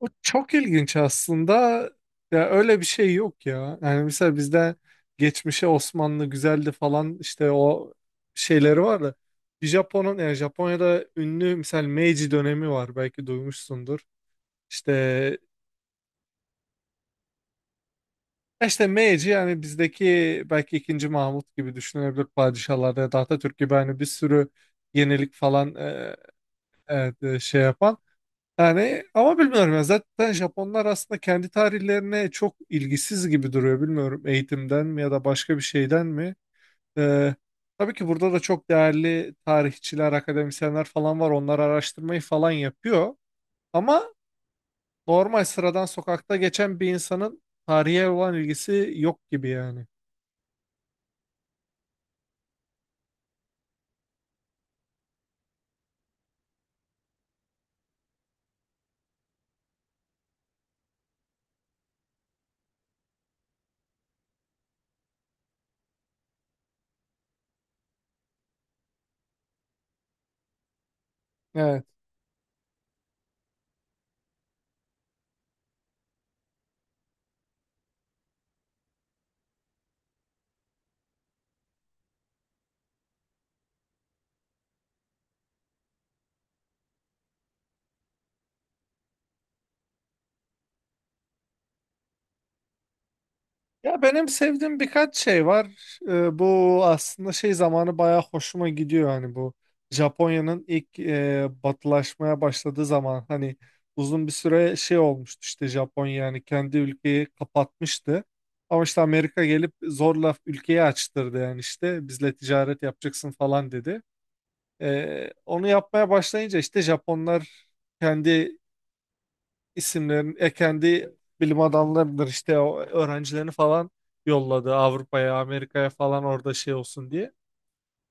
O çok ilginç aslında. Ya öyle bir şey yok ya. Yani mesela bizde geçmişe Osmanlı güzeldi falan işte o şeyleri var da bir Japon'un yani Japonya'da ünlü mesela Meiji dönemi var belki duymuşsundur. İşte işte Meiji yani bizdeki belki ikinci Mahmut gibi düşünülebilir padişahlarda ya da Atatürk gibi hani bir sürü yenilik falan şey yapan. Yani ama bilmiyorum ya zaten Japonlar aslında kendi tarihlerine çok ilgisiz gibi duruyor bilmiyorum eğitimden mi ya da başka bir şeyden mi. Ee, tabii ki burada da çok değerli tarihçiler, akademisyenler falan var onlar araştırmayı falan yapıyor. Ama normal sıradan sokakta geçen bir insanın tarihe olan ilgisi yok gibi yani. Evet. Ya benim sevdiğim birkaç şey var. Bu aslında şey zamanı bayağı hoşuma gidiyor hani bu Japonya'nın ilk batılaşmaya başladığı zaman hani uzun bir süre şey olmuştu işte Japonya yani kendi ülkeyi kapatmıştı. Ama işte Amerika gelip zorla ülkeyi açtırdı yani işte bizle ticaret yapacaksın falan dedi. Onu yapmaya başlayınca işte Japonlar kendi isimlerin ekendi bilim adamlarıdır işte o öğrencilerini falan yolladı Avrupa'ya, Amerika'ya falan orada şey olsun diye.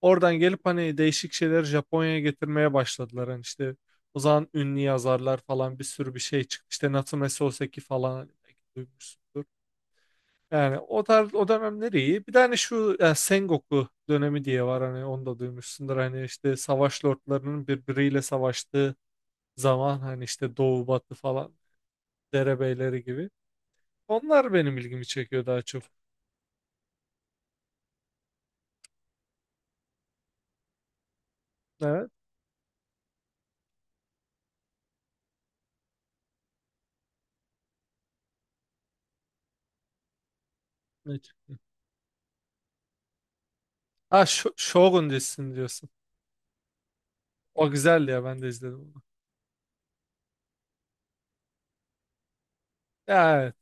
Oradan gelip hani değişik şeyleri Japonya'ya getirmeye başladılar. Hani işte o zaman ünlü yazarlar falan bir sürü bir şey çıktı. İşte Natsume Soseki falan hani belki duymuşsundur. Yani o tarz o dönemler iyi. Bir tane şu Sengoku dönemi diye var hani onu da duymuşsundur. Hani işte savaş lordlarının birbiriyle savaştığı zaman hani işte doğu batı falan derebeyleri gibi. Onlar benim ilgimi çekiyor daha çok. Evet. Ne çekiyor? Ha Shogun dizisini diyorsun. O güzeldi ya ben de izledim onu. Ya evet.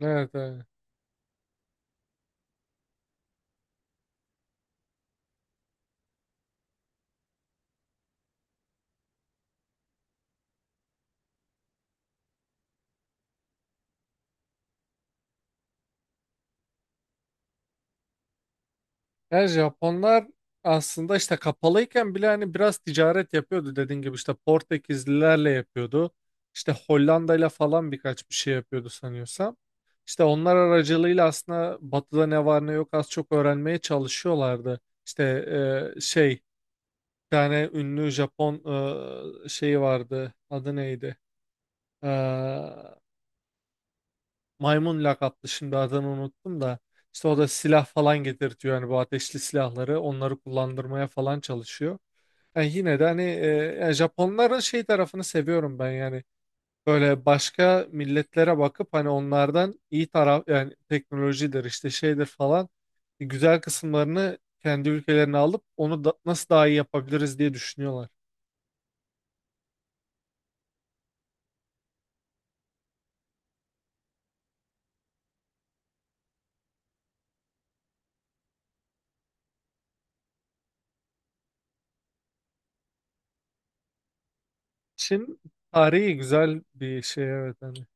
Evet, evet. Yani Japonlar aslında işte kapalıyken bile hani biraz ticaret yapıyordu dediğin gibi işte Portekizlilerle yapıyordu. İşte Hollanda'yla falan birkaç bir şey yapıyordu sanıyorsam. İşte onlar aracılığıyla aslında Batı'da ne var ne yok az çok öğrenmeye çalışıyorlardı. İşte şey bir tane ünlü Japon şeyi vardı. Adı neydi? Ee, Maymun lakaplı şimdi adını unuttum da işte o da silah falan getirtiyor yani bu ateşli silahları onları kullandırmaya falan çalışıyor. Yani yine de hani yani Japonların şey tarafını seviyorum ben yani böyle başka milletlere bakıp hani onlardan iyi taraf yani teknolojidir işte şeydir falan güzel kısımlarını kendi ülkelerine alıp onu da, nasıl daha iyi yapabiliriz diye düşünüyorlar. Çin tarihi güzel bir şey evet hani.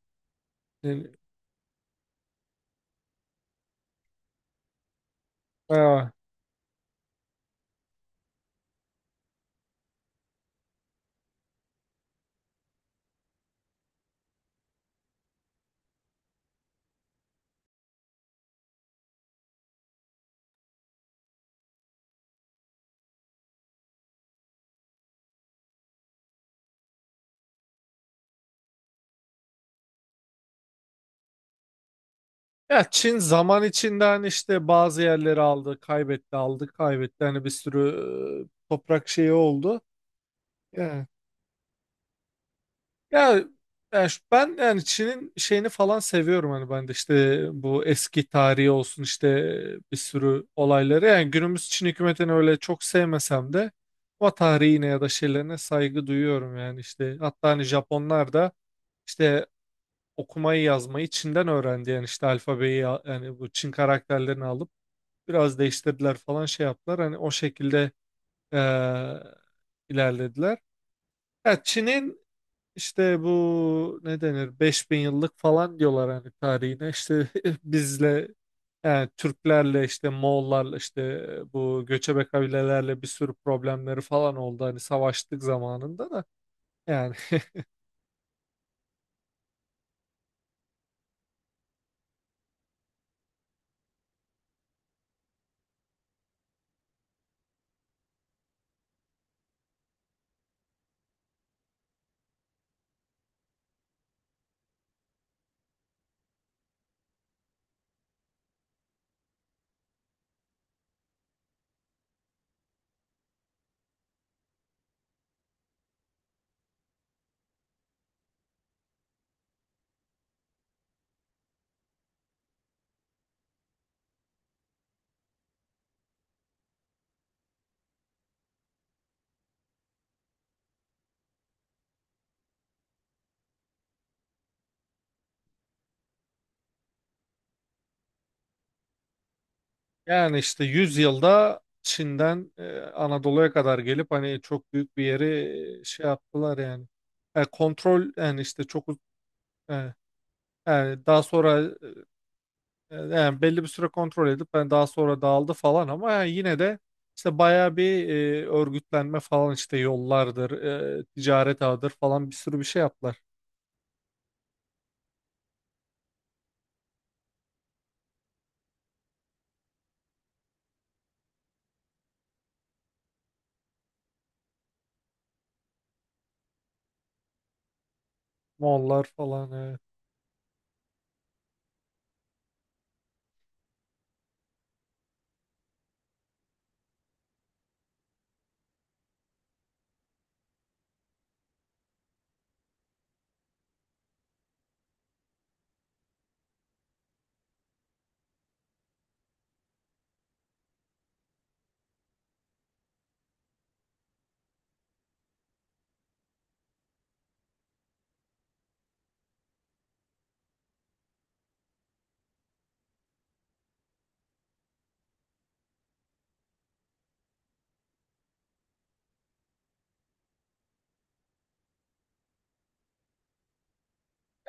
Yani, bayağı. Ya Çin zaman içinde hani işte bazı yerleri aldı, kaybetti, aldı, kaybetti. Hani bir sürü toprak şeyi oldu. Evet. Ya, ben yani Çin'in şeyini falan seviyorum hani ben de işte bu eski tarihi olsun işte bir sürü olayları. Yani günümüz Çin hükümetini öyle çok sevmesem de o tarihine ya da şeylerine saygı duyuyorum yani işte. Hatta hani Japonlar da işte okumayı yazmayı Çin'den öğrendi yani işte alfabeyi yani bu Çin karakterlerini alıp. Biraz değiştirdiler falan şey yaptılar. Hani o şekilde eee, ilerlediler. Ya Çin'in işte bu ne denir 5000 yıllık falan diyorlar hani tarihine. İşte bizle yani Türklerle işte Moğollarla işte bu göçebe kabilelerle bir sürü problemleri falan oldu hani savaştık zamanında da yani yani işte 100 yılda Çin'den Anadolu'ya kadar gelip hani çok büyük bir yeri şey yaptılar yani. Kontrol yani işte çok. Evet. Yani daha sonra yani belli bir süre kontrol edip ben daha sonra dağıldı falan ama yani yine de işte bayağı bir örgütlenme falan işte yollardır, ticaret ağıdır falan bir sürü bir şey yaptılar. Moğollar falan. Evet.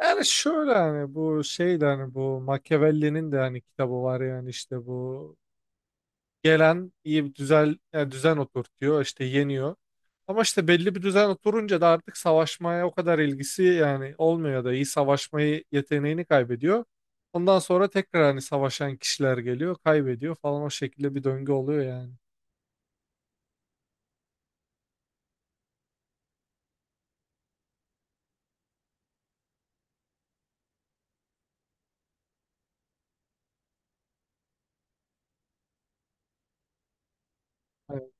Yani şöyle hani bu şey de hani bu Machiavelli'nin de hani kitabı var yani işte bu gelen iyi bir düzen, yani düzen oturtuyor işte yeniyor. Ama işte belli bir düzen oturunca da artık savaşmaya o kadar ilgisi yani olmuyor ya da iyi savaşmayı yeteneğini kaybediyor. Ondan sonra tekrar hani savaşan kişiler geliyor, kaybediyor falan o şekilde bir döngü oluyor yani. Evet.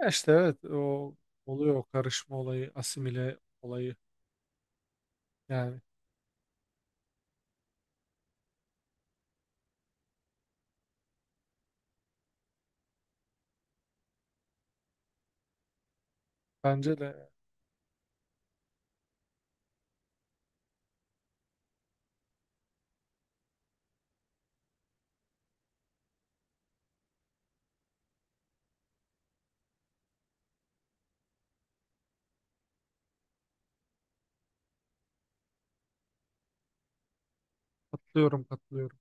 Ya işte evet o oluyor o karışma olayı, asimile olayı yani. Bence de katılıyorum, katılıyorum.